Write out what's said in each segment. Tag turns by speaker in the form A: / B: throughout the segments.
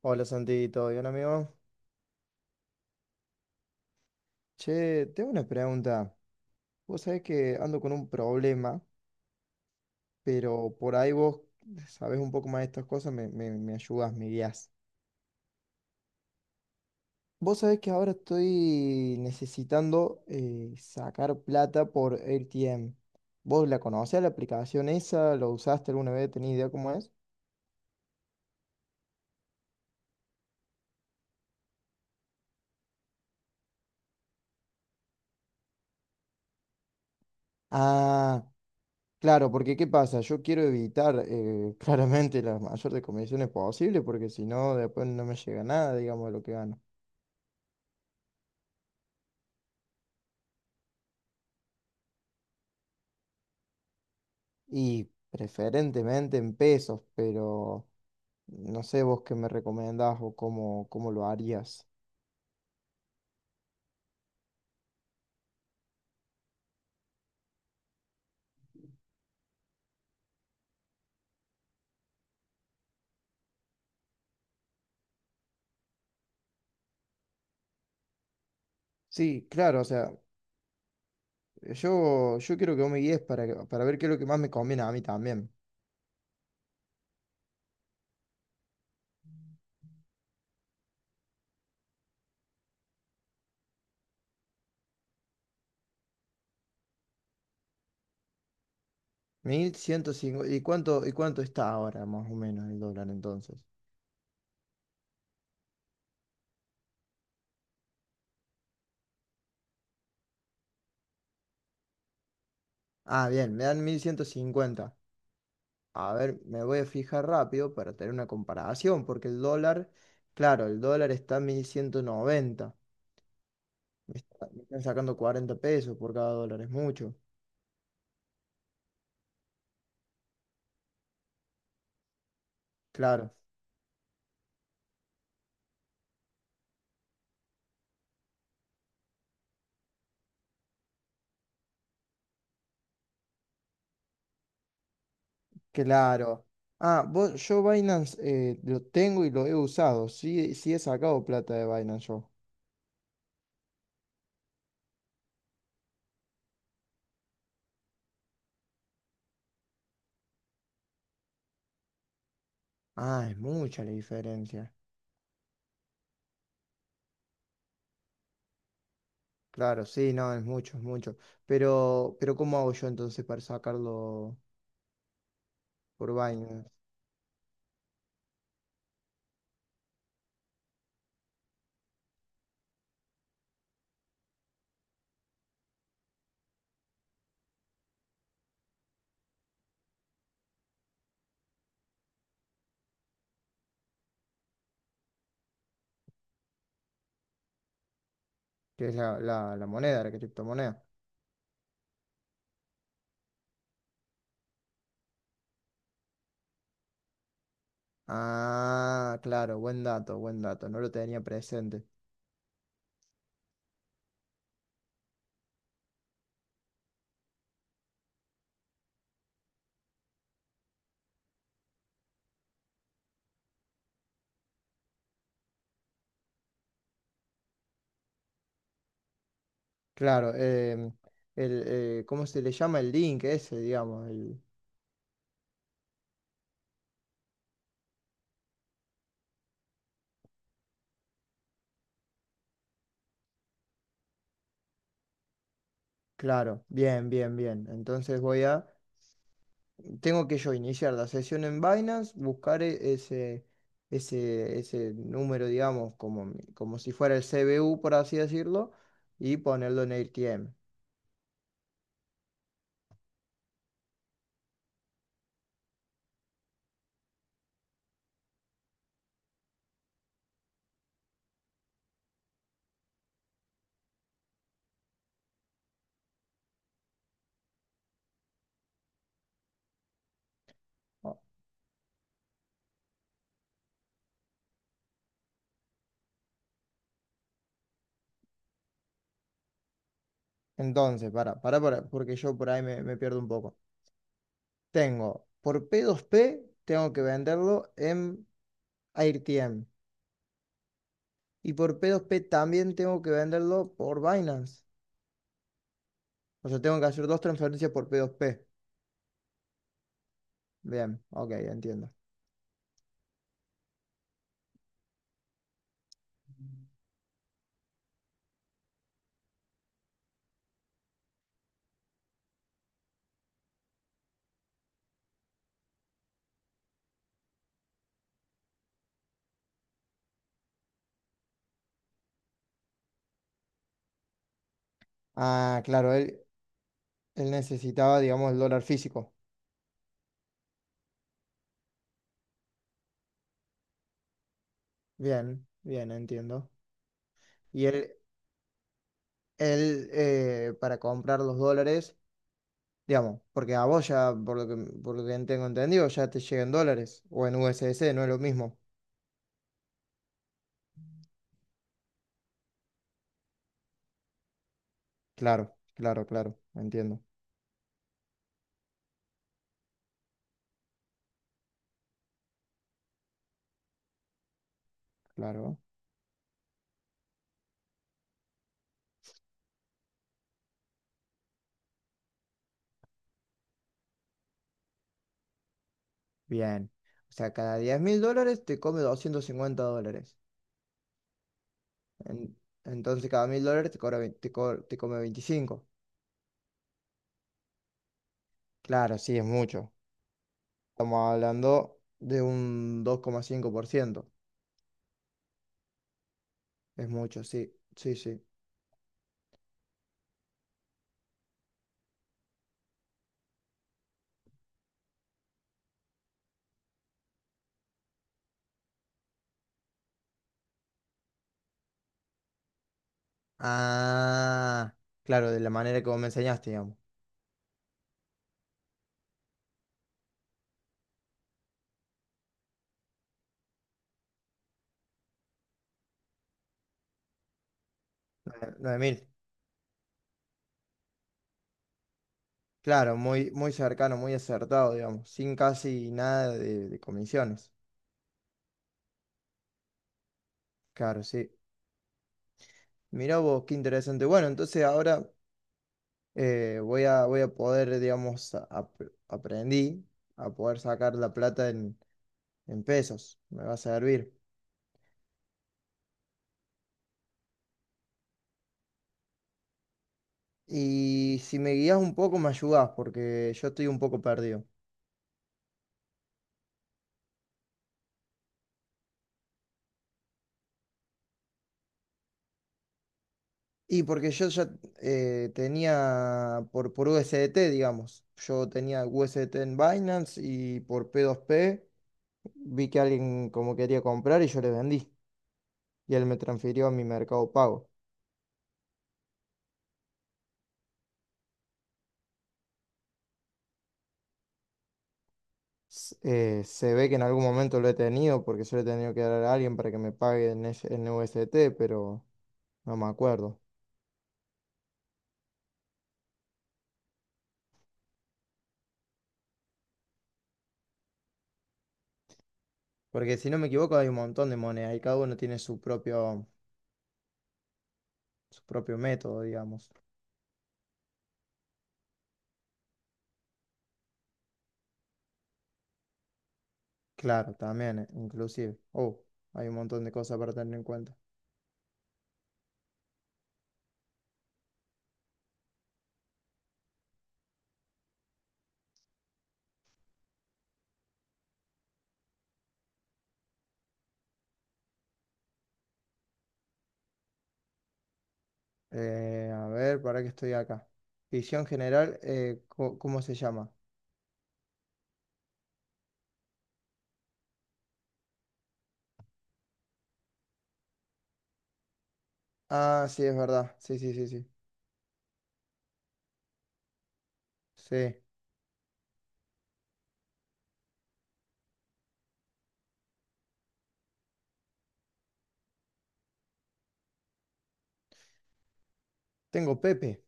A: Hola Santi, ¿todo bien amigo? Che, tengo una pregunta. Vos sabés que ando con un problema, pero por ahí vos sabés un poco más de estas cosas, me ayudás, me guías. ¿Vos sabés que ahora estoy necesitando sacar plata por ATM? ¿Vos la conocés la aplicación esa? ¿Lo usaste alguna vez? ¿Tenés idea cómo es? Ah, claro, porque ¿qué pasa? Yo quiero evitar claramente la mayor de comisiones posible, porque si no, después no me llega nada, digamos, de lo que gano. Y preferentemente en pesos, pero no sé vos qué me recomendás o cómo lo harías. Sí, claro, o sea, yo quiero que vos me guíes para, para ver qué es lo que más me conviene a mí también. 1150, y cuánto está ahora más o menos el dólar entonces? Ah, bien, me dan 1150. A ver, me voy a fijar rápido para tener una comparación, porque el dólar, claro, el dólar está en 1190. Me me están sacando 40 pesos por cada dólar, es mucho. Claro, claro. Ah, vos, yo Binance lo tengo y lo he usado. Sí, sí he sacado plata de Binance yo. Ah, es mucha la diferencia. Claro, sí, no, es mucho, es mucho. Pero ¿cómo hago yo entonces para sacarlo por Binance? Que es la moneda, la criptomoneda. Ah, claro, buen dato, buen dato. No lo tenía presente. Claro, ¿cómo se le llama el link ese, digamos? Claro, bien, bien, bien. Entonces voy a Tengo que yo iniciar la sesión en Binance, buscar ese número, digamos, como, como si fuera el CBU, por así decirlo, y ponerlo en AirTM. O- Entonces, para, porque yo por ahí me pierdo un poco. Por P2P tengo que venderlo en AirTM. Y por P2P también tengo que venderlo por Binance. O sea, tengo que hacer dos transferencias por P2P. Bien, ok, entiendo. Ah, claro, él necesitaba, digamos, el dólar físico. Bien, bien, entiendo. Y él, para comprar los dólares, digamos, porque a vos ya, por lo que tengo entendido, ya te llegan dólares o en USDC, no es lo mismo. Claro, claro, claro, entiendo, claro. Bien. O sea, cada 10.000 dólares te come 250 dólares. En- entonces, cada 1000 dólares te, cobra vein- te, co- te come 25. Claro, sí, es mucho. Estamos hablando de un 2,5%. Es mucho, sí, sí, sí. Ah, claro, de la manera como me enseñaste, digamos. 9000. Claro, muy, muy cercano, muy acertado, digamos, sin casi nada de comisiones. Claro, sí. Mirá vos, qué interesante. Bueno, entonces ahora voy a poder, digamos, aprendí a poder sacar la plata en pesos. Me va a servir. Y si me guías un poco, me ayudás, porque yo estoy un poco perdido. Y porque yo ya tenía por USDT, digamos. Yo tenía USDT en Binance y por P2P vi que alguien como quería comprar y yo le vendí. Y él me transfirió a mi Mercado Pago. Se ve que en algún momento lo he tenido porque se lo he tenido que dar a alguien para que me pague en USDT, pero no me acuerdo. Porque si no me equivoco hay un montón de monedas y cada uno tiene su propio método, digamos. Claro, también, inclusive. Oh, hay un montón de cosas para tener en cuenta. A ver, para que estoy acá. Ficción general, ¿cómo se llama? Ah, sí, es verdad. Sí, sí, sí, sí. Sí. Tengo Pepe.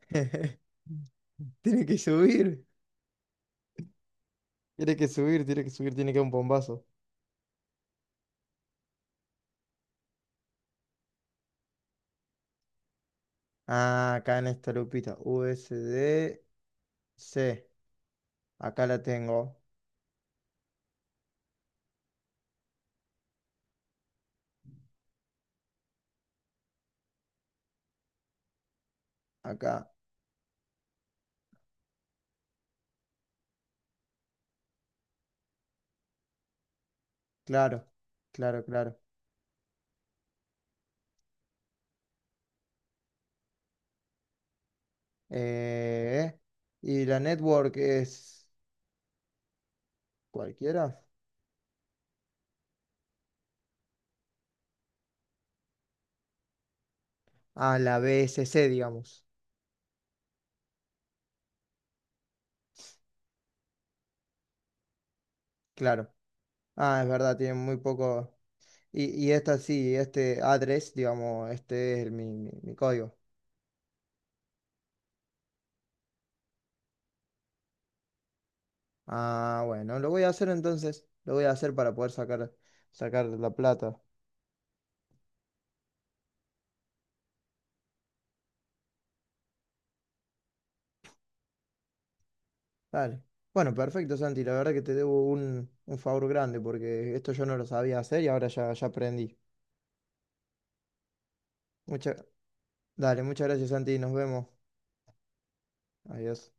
A: Tiene que subir. Tiene que subir, tiene que subir, tiene que dar un bombazo. Ah, acá en esta lupita. USDC. Acá la tengo. Acá. Claro, claro, claro. Eh, y la network es. ¿Cualquiera? Ah, la BSC, digamos. Claro. Ah, es verdad, tiene muy poco. Y esta sí, este address, digamos, este es el- mi- mi código. Ah, bueno, lo voy a hacer entonces. Lo voy a hacer para poder sacar la plata. Dale. Bueno, perfecto, Santi. La verdad que te debo un favor grande porque esto yo no lo sabía hacer y ahora ya, ya aprendí. Mucha- Dale, muchas gracias, Santi. Nos vemos. Adiós.